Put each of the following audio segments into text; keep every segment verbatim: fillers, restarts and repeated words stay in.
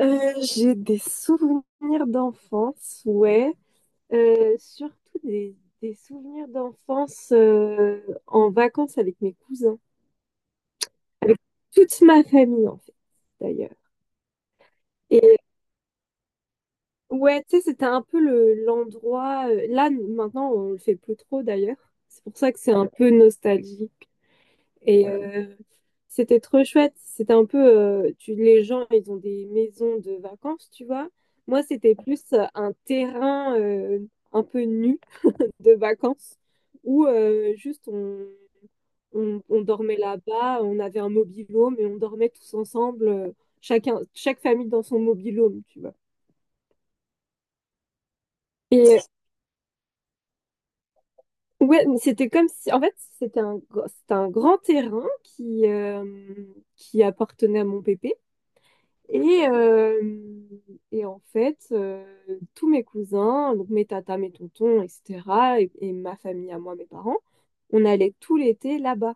Euh, j'ai des souvenirs d'enfance, ouais. Euh, surtout des, des souvenirs d'enfance euh, en vacances avec mes cousins, avec toute ma famille en fait, d'ailleurs. Et ouais, tu sais, c'était un peu le, l'endroit. Euh, là, n- maintenant, on le fait plus trop d'ailleurs. C'est pour ça que c'est un peu nostalgique. Et euh, c'était trop chouette. C'était un peu, euh, tu, les gens, ils ont des maisons de vacances, tu vois. Moi, c'était plus euh, un terrain euh, un peu nu de vacances où euh, juste on, on, on dormait là-bas. On avait un mobil-home et on dormait tous ensemble, euh, chacun, chaque famille dans son mobil-home, tu vois. Et euh, ouais, mais c'était comme si, en fait, c'était un, gr- c'était un grand terrain qui, euh, qui appartenait à mon pépé. Et, euh, et en fait, euh, tous mes cousins, donc mes tatas, mes tontons, et cetera, et, et ma famille à moi, mes parents, on allait tout l'été là-bas.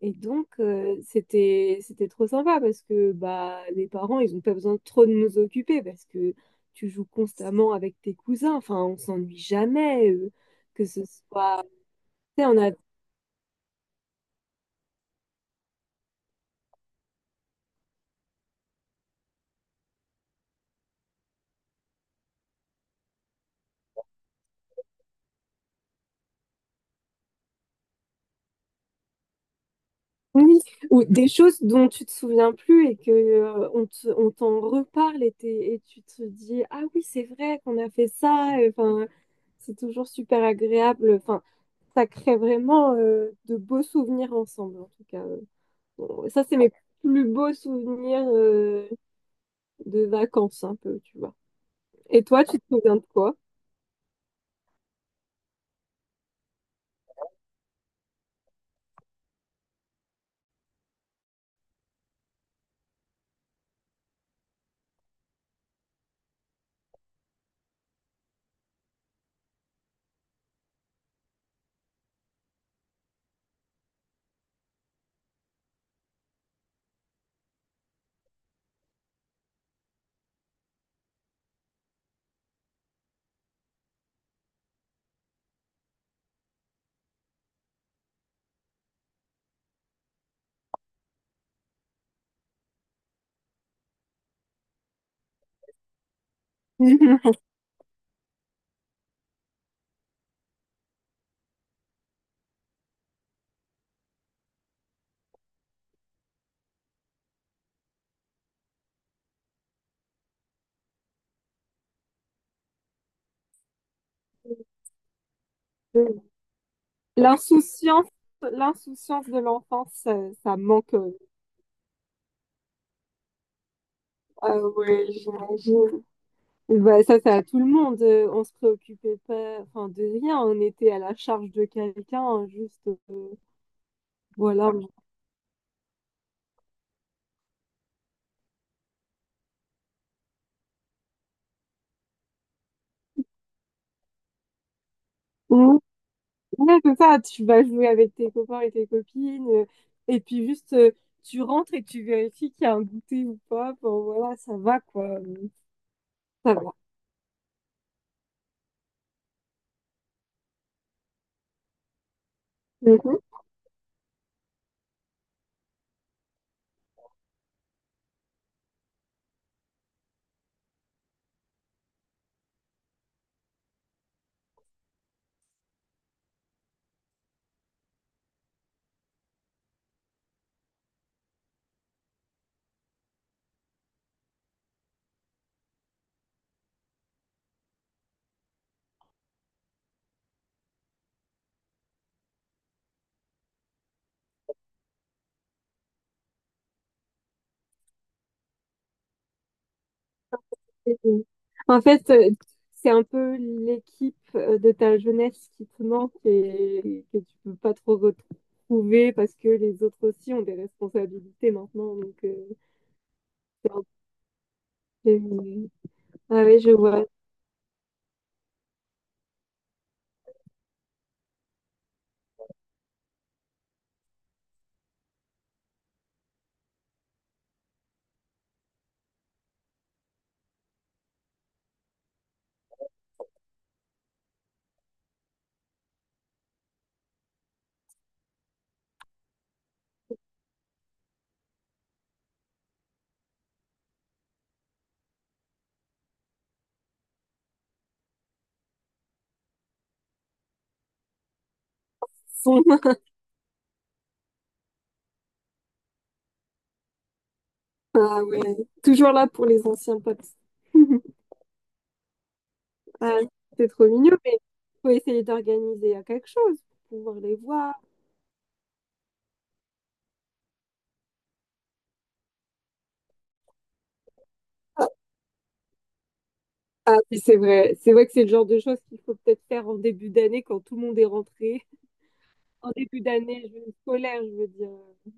Et donc, euh, c'était, c'était trop sympa parce que bah, les parents, ils n'ont pas besoin de trop de nous occuper parce que tu joues constamment avec tes cousins. Enfin, on s'ennuie jamais. Euh, que ce soit, tu sais, on a oui, ou des choses dont tu te souviens plus et que euh, on te- on t'en reparle et, t'es- et tu te dis ah oui c'est vrai qu'on a fait ça. Et, enfin c'est toujours super agréable, enfin ça crée vraiment euh, de beaux souvenirs ensemble en tout cas euh. Bon, ça c'est mes plus beaux souvenirs euh, de vacances un peu tu vois, et toi, tu te souviens de quoi? L'insouciance, l'insouciance de l'enfance, ça, ça manque. Ah ouais, j'imagine. Bah, ça, c'est à tout le monde. Euh, On se préoccupait pas, enfin, de rien. On était à la charge de quelqu'un, hein, juste, euh, voilà. Mm. Ouais, c'est ça. Tu vas jouer avec tes copains et tes copines, euh, et puis juste, euh, tu rentres et tu vérifies qu'il y a un goûter ou pas. Bon, voilà, ça va, quoi. Euh, Ça va. Mhm. Et, euh, En fait, euh, c'est un peu l'équipe euh, de ta jeunesse qui te manque et que tu peux pas trop retrouver parce que les autres aussi ont des responsabilités maintenant, donc. Euh, oui. Ah ouais je vois. Son. Ah ouais. Toujours là pour les anciens potes. Ah, c'est trop mignon, mais faut essayer d'organiser à quelque chose pour pouvoir les voir. Ah oui, c'est vrai. C'est vrai que c'est le genre de choses qu'il faut peut-être faire en début d'année quand tout le monde est rentré. En début d'année je- scolaire, je veux dire.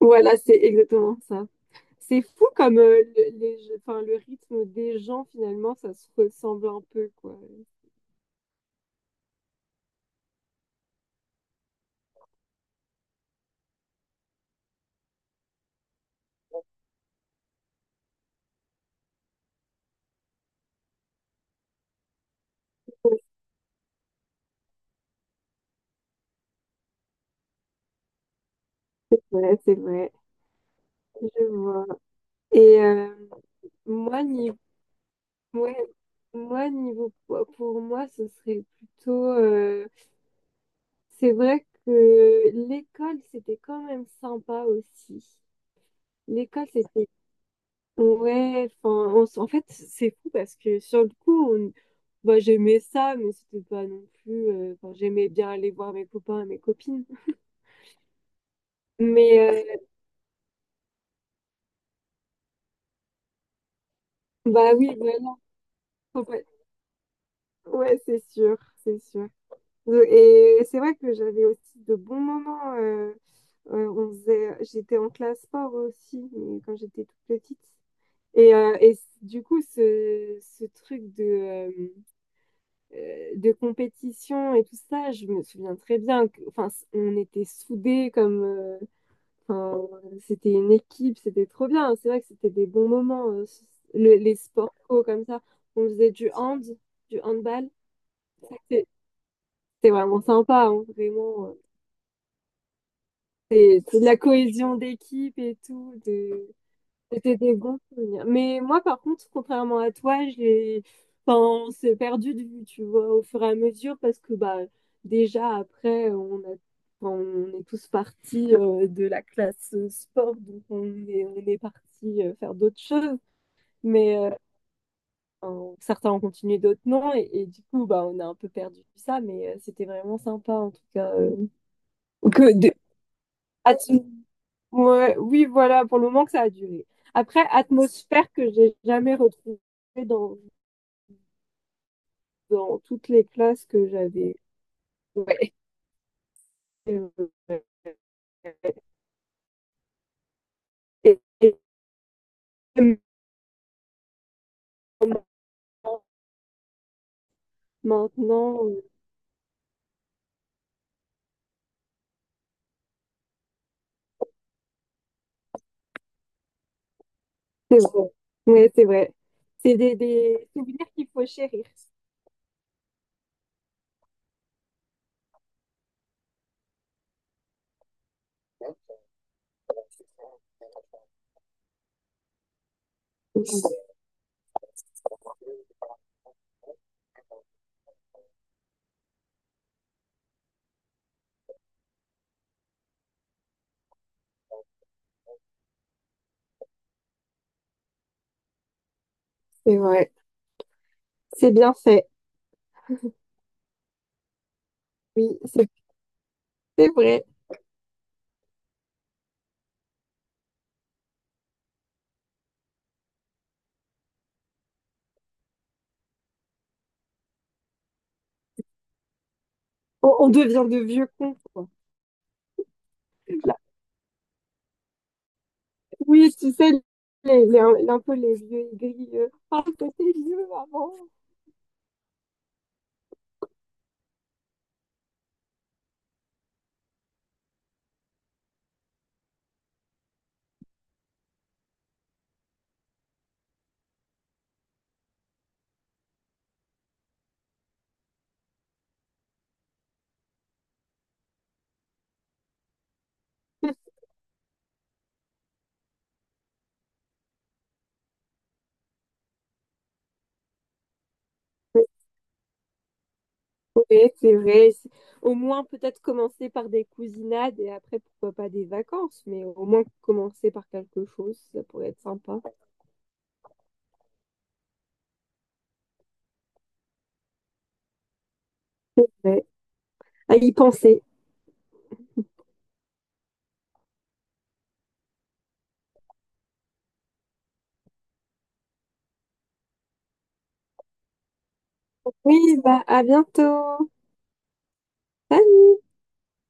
Voilà, c'est exactement ça. C'est fou comme euh, le, les, enfin, le rythme des gens, finalement, ça se ressemble un peu, quoi. Ouais, c'est vrai. Je vois. Et euh, Moi, ni ouais, moi, niveau poids, pour moi, ce serait plutôt. Euh, c'est vrai que l'école, c'était quand même sympa aussi. L'école, c'était. Ouais, enfin, on s- en fait, c'est fou parce que sur le coup, on- bah, j'aimais ça, mais c'était pas non plus. Euh, enfin, j'aimais bien aller voir mes copains et mes copines. Mais, euh, bah oui, voilà. faut pas- Ouais, c'est sûr, c'est sûr. Et c'est vrai que j'avais aussi de bons moments. Euh, Euh, on faisait, j'étais en classe sport aussi, mais quand j'étais toute petite. Et, euh, et c- du coup, ce, ce truc de, euh, euh, de compétition et tout ça, je me souviens très bien que, enfin, c- on était soudés comme, euh, enfin, c'était une équipe, c'était trop bien. C'est vrai que c'était des bons moments, euh, s- le- les sports co comme ça. On faisait du hand, du handball. C'est c'était vraiment sympa, hein, vraiment. euh. C'est c'est de la cohésion d'équipe et tout, de c'était des bons souvenirs. Mais moi, par contre, contrairement à toi, j'ai, enfin, on s'est perdu de vue, tu vois, au fur et à mesure, parce que bah, déjà après, on a, enfin, on est tous partis euh, de la classe euh, sport, donc on est, on est partis euh, faire d'autres choses. Mais euh, enfin, certains ont continué, d'autres non, et, et du coup, bah, on a un peu perdu ça. Mais euh, c'était vraiment sympa, en tout cas, euh, que de, Ah, tu- Ouais, oui, voilà, pour le moment que ça a duré. Après, atmosphère que j'ai jamais retrouvée dans, dans toutes les classes que j'avais. Ouais. Euh, Et, et maintenant, maintenant, euh, c'est vrai. Ouais, c'est vrai. C'est des, des souvenirs qu'il faut chérir. C'est vrai. C'est bien fait. Oui, c'est c'est vrai. On, on devient de vieux cons, quoi. Oui, tu sais, les, les- un peu les vieux aigris. euh, Ah, t'étais vieux avant. Oui, c'est vrai. C'est- Au moins, peut-être commencer par des cousinades et après, pourquoi pas des vacances, mais au moins commencer par quelque chose, ça pourrait être sympa. Ouais. À y penser. Oui, bah, à bientôt. Salut.